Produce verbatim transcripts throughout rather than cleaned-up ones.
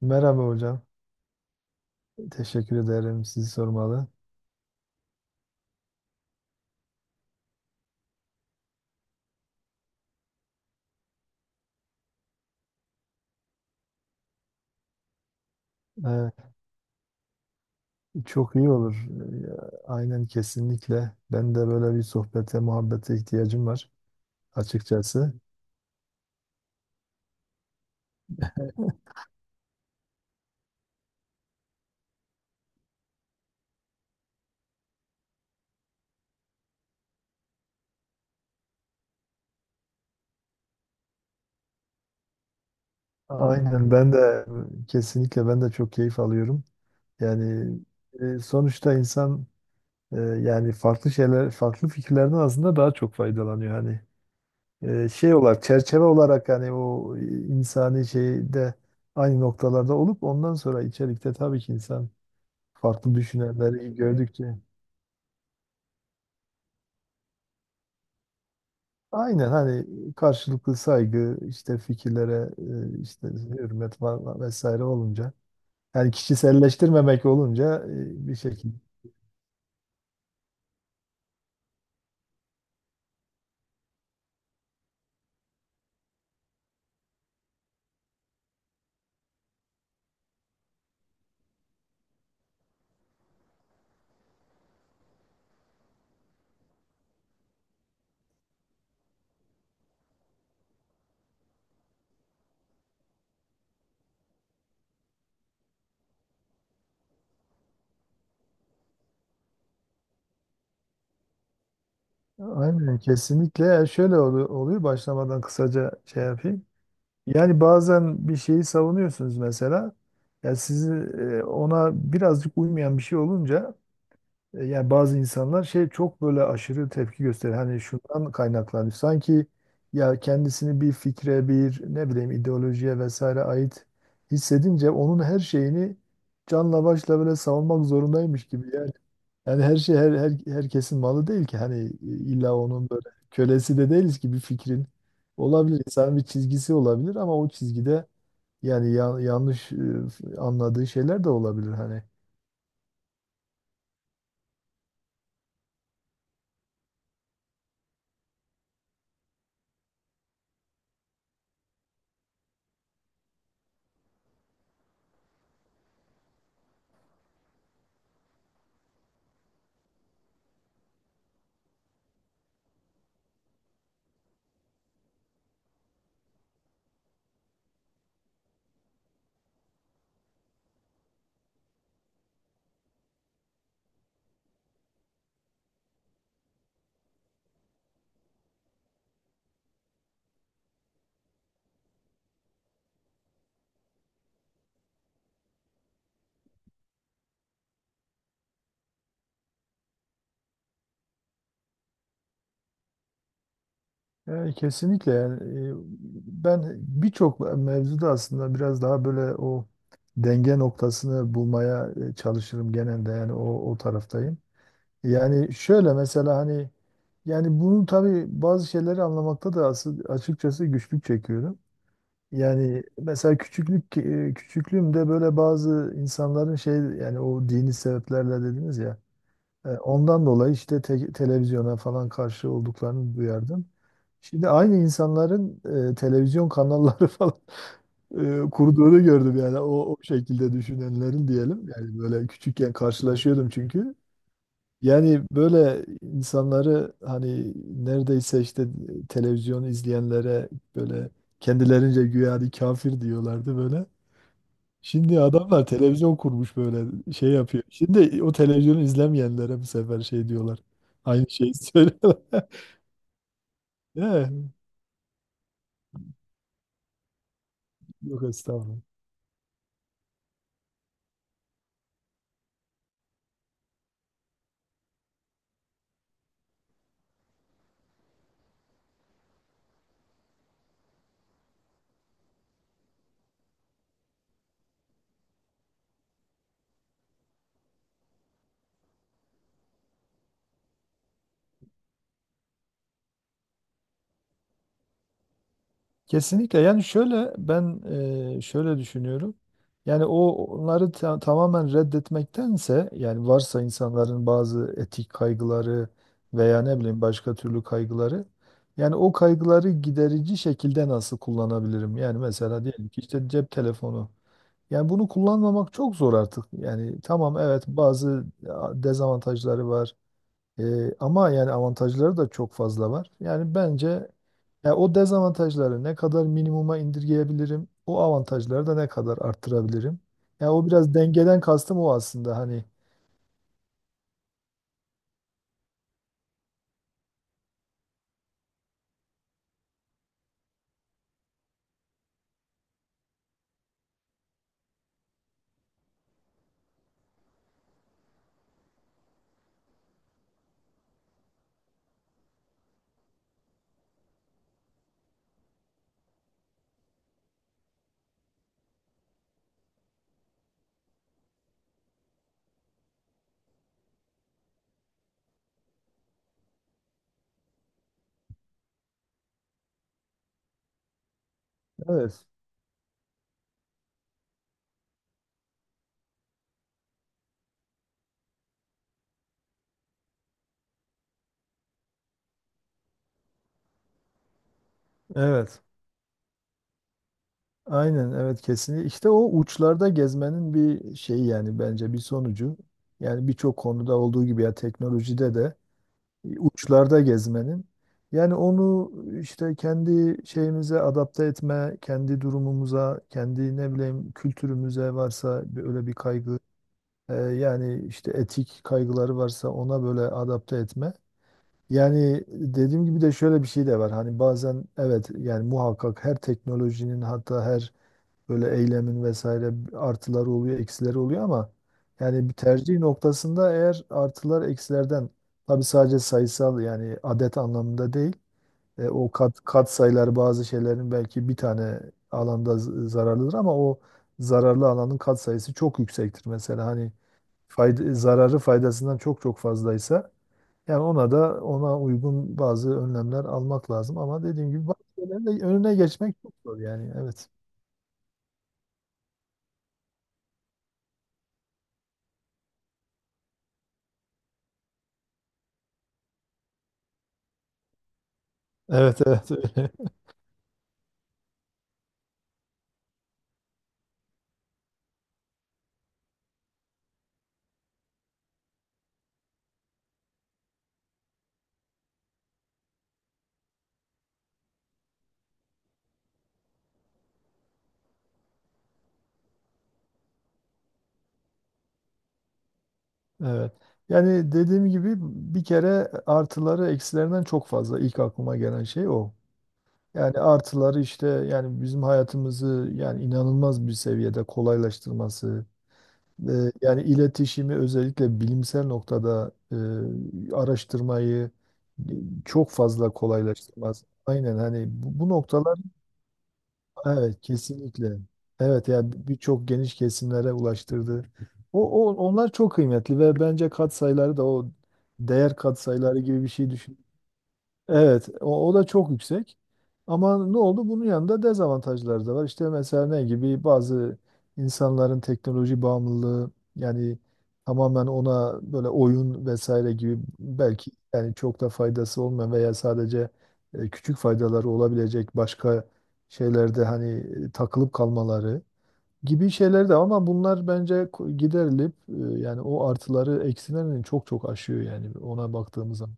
Merhaba hocam. Teşekkür ederim sizi sormalı. Evet, çok iyi olur. Ee, Aynen kesinlikle. Ben de böyle bir sohbete, muhabbete ihtiyacım var açıkçası. Aynen ben de kesinlikle ben de çok keyif alıyorum. Yani e, sonuçta insan e, yani farklı şeyler, farklı fikirlerden aslında daha çok faydalanıyor. Hani e, şey olarak, çerçeve olarak hani o insani şeyde aynı noktalarda olup ondan sonra içerikte tabii ki insan farklı düşünenleri gördükçe. Aynen hani karşılıklı saygı, işte fikirlere, e, işte hürmet falan vesaire olunca. Yani kişiselleştirmemek olunca e, bir şekilde. Aynen kesinlikle. Yani şöyle olu- oluyor başlamadan kısaca şey yapayım. Yani bazen bir şeyi savunuyorsunuz mesela. Ya sizi e, ona birazcık uymayan bir şey olunca. E, Yani bazı insanlar şey çok böyle aşırı tepki gösterir. Hani şundan kaynaklanıyor. Sanki ya kendisini bir fikre, bir ne bileyim ideolojiye vesaire ait hissedince onun her şeyini canla başla böyle savunmak zorundaymış gibi yani. Yani her şey her, her herkesin malı değil ki. Hani e, illa onun böyle kölesi de değiliz ki bir fikrin. Olabilir insanın bir çizgisi olabilir ama o çizgide yani ya- yanlış e, anladığı şeyler de olabilir hani. Yani kesinlikle yani e, ben birçok mevzuda aslında biraz daha böyle o denge noktasını bulmaya e, çalışırım genelde yani o o taraftayım. Yani şöyle mesela hani yani bunu tabii bazı şeyleri anlamakta da asıl açıkçası güçlük çekiyorum. Yani mesela küçüklük e, küçüklüğümde böyle bazı insanların şey yani o dini sebeplerle dediniz ya. E, Ondan dolayı işte te- televizyona falan karşı olduklarını duyardım. Şimdi aynı insanların e, televizyon kanalları falan e, kurduğunu gördüm yani o, o şekilde düşünenlerin diyelim. Yani böyle küçükken karşılaşıyordum çünkü. Yani böyle insanları hani neredeyse işte televizyon izleyenlere böyle kendilerince güya hani kafir diyorlardı böyle. Şimdi adamlar televizyon kurmuş böyle şey yapıyor. Şimdi o televizyonu izlemeyenlere bu sefer şey diyorlar. Aynı şeyi söylüyorlar. Eh, Yok estağfurullah. Kesinlikle yani şöyle ben e, şöyle düşünüyorum. Yani o onları ta- tamamen reddetmektense yani varsa insanların bazı etik kaygıları veya ne bileyim başka türlü kaygıları yani o kaygıları giderici şekilde nasıl kullanabilirim? Yani mesela diyelim ki işte cep telefonu. Yani bunu kullanmamak çok zor artık. Yani tamam evet bazı e, dezavantajları var. Ee, ama yani avantajları da çok fazla var. Yani bence ya o dezavantajları ne kadar minimuma indirgeyebilirim, o avantajları da ne kadar arttırabilirim. Ya o biraz dengeden kastım o aslında hani. Evet. Evet. Aynen evet kesinlikle. İşte o uçlarda gezmenin bir şeyi yani bence bir sonucu. Yani birçok konuda olduğu gibi ya teknolojide de uçlarda gezmenin. Yani onu işte kendi şeyimize adapte etme, kendi durumumuza, kendi ne bileyim kültürümüze varsa bir- öyle bir kaygı, e, yani işte etik kaygıları varsa ona böyle adapte etme. Yani dediğim gibi de şöyle bir şey de var. Hani bazen evet yani muhakkak her teknolojinin hatta her böyle eylemin vesaire artıları oluyor, eksileri oluyor ama yani bir tercih noktasında eğer artılar eksilerden tabii sadece sayısal yani adet anlamında değil. E, o kat, kat sayıları bazı şeylerin belki bir tane alanda z- zararlıdır ama o zararlı alanın kat sayısı çok yüksektir. Mesela hani fayda, zararı faydasından çok çok fazlaysa yani ona da ona uygun bazı önlemler almak lazım ama dediğim gibi bazı şeylerin de önüne geçmek çok zor yani evet. Evet evet. Evet. Yani dediğim gibi bir kere artıları eksilerinden çok fazla ilk aklıma gelen şey o. Yani artıları işte yani bizim hayatımızı yani inanılmaz bir seviyede kolaylaştırması, e, yani iletişimi özellikle bilimsel noktada e, araştırmayı e, çok fazla kolaylaştırmaz. Aynen hani bu, bu noktalar. Evet kesinlikle. Evet yani bir- birçok geniş kesimlere ulaştırdı. O, o onlar çok kıymetli ve bence katsayıları da o değer katsayıları gibi bir şey. Evet, o, o da çok yüksek. Ama ne oldu? Bunun yanında dezavantajları da var. İşte mesela ne gibi bazı insanların teknoloji bağımlılığı yani tamamen ona böyle oyun vesaire gibi belki yani çok da faydası olmayan veya sadece e, küçük faydaları olabilecek başka şeylerde hani e, takılıp kalmaları gibi şeyler de var ama bunlar bence ko- giderilip e, yani o artıları eksilerini çok çok aşıyor yani ona baktığımız zaman.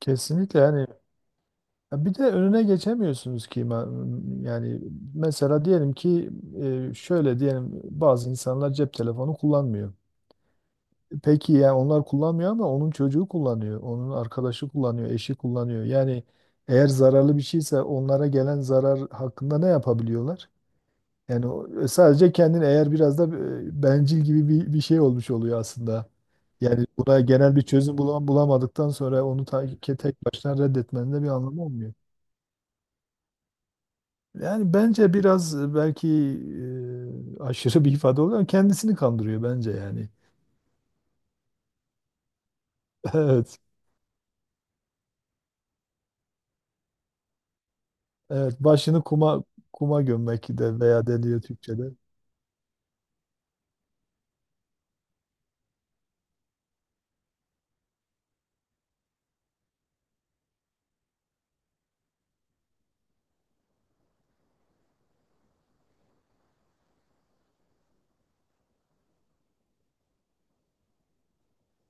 Kesinlikle yani. Ya bir de önüne geçemiyorsunuz ki ma- yani mesela diyelim ki e, şöyle diyelim bazı insanlar cep telefonu kullanmıyor. Peki ya onlar kullanmıyor ama onun çocuğu kullanıyor, onun arkadaşı kullanıyor, eşi kullanıyor. Yani eğer zararlı bir şeyse onlara gelen zarar hakkında ne yapabiliyorlar? Yani o- e, sadece kendini eğer biraz da e, bencil gibi bir, bir şey olmuş oluyor aslında. Yani buna genel bir çözüm bulam- bulamadıktan sonra onu ta- tek başına reddetmenin de bir anlamı olmuyor. Yani bence biraz e, belki e, aşırı bir ifade oluyor ama kendisini kandırıyor bence yani. Evet. Evet. Başını kuma kuma gömmek de veya deniyor Türkçe'de.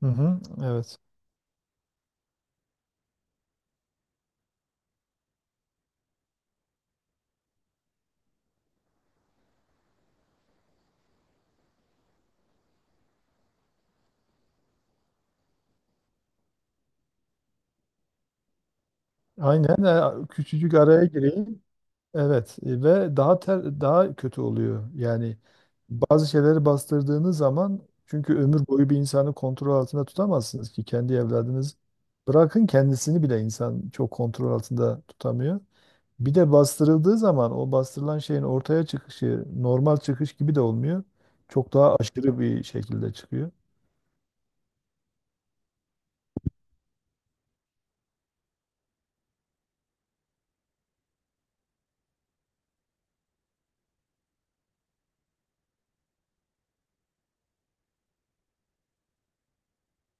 Hı hı, evet. Aynen. e, Küçücük araya gireyim. Evet. e, Ve daha ter, daha kötü oluyor. Yani bazı şeyleri bastırdığınız zaman çünkü ömür boyu bir insanı kontrol altında tutamazsınız ki kendi evladınız. Bırakın kendisini bile insan çok kontrol altında tutamıyor. Bir de bastırıldığı zaman o bastırılan şeyin ortaya çıkışı normal çıkış gibi de olmuyor. Çok daha aşırı bir şekilde çıkıyor.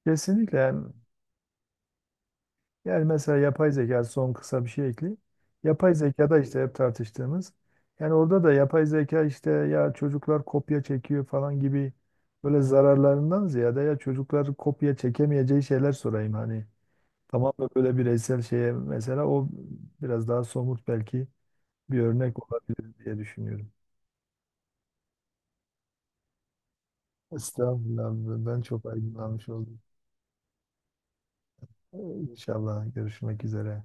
Kesinlikle yani, yani mesela yapay zeka son kısa bir şey ekleyeyim. Yapay zekada işte hep tartıştığımız yani orada da yapay zeka işte ya çocuklar kopya çekiyor falan gibi böyle zararlarından ziyade ya çocuklar kopya çekemeyeceği şeyler sorayım hani tamamen böyle bireysel şeye mesela o biraz daha somut belki bir örnek olabilir diye düşünüyorum. Estağfurullah. Ben çok aydınlanmış oldum. Ee, İnşallah görüşmek üzere.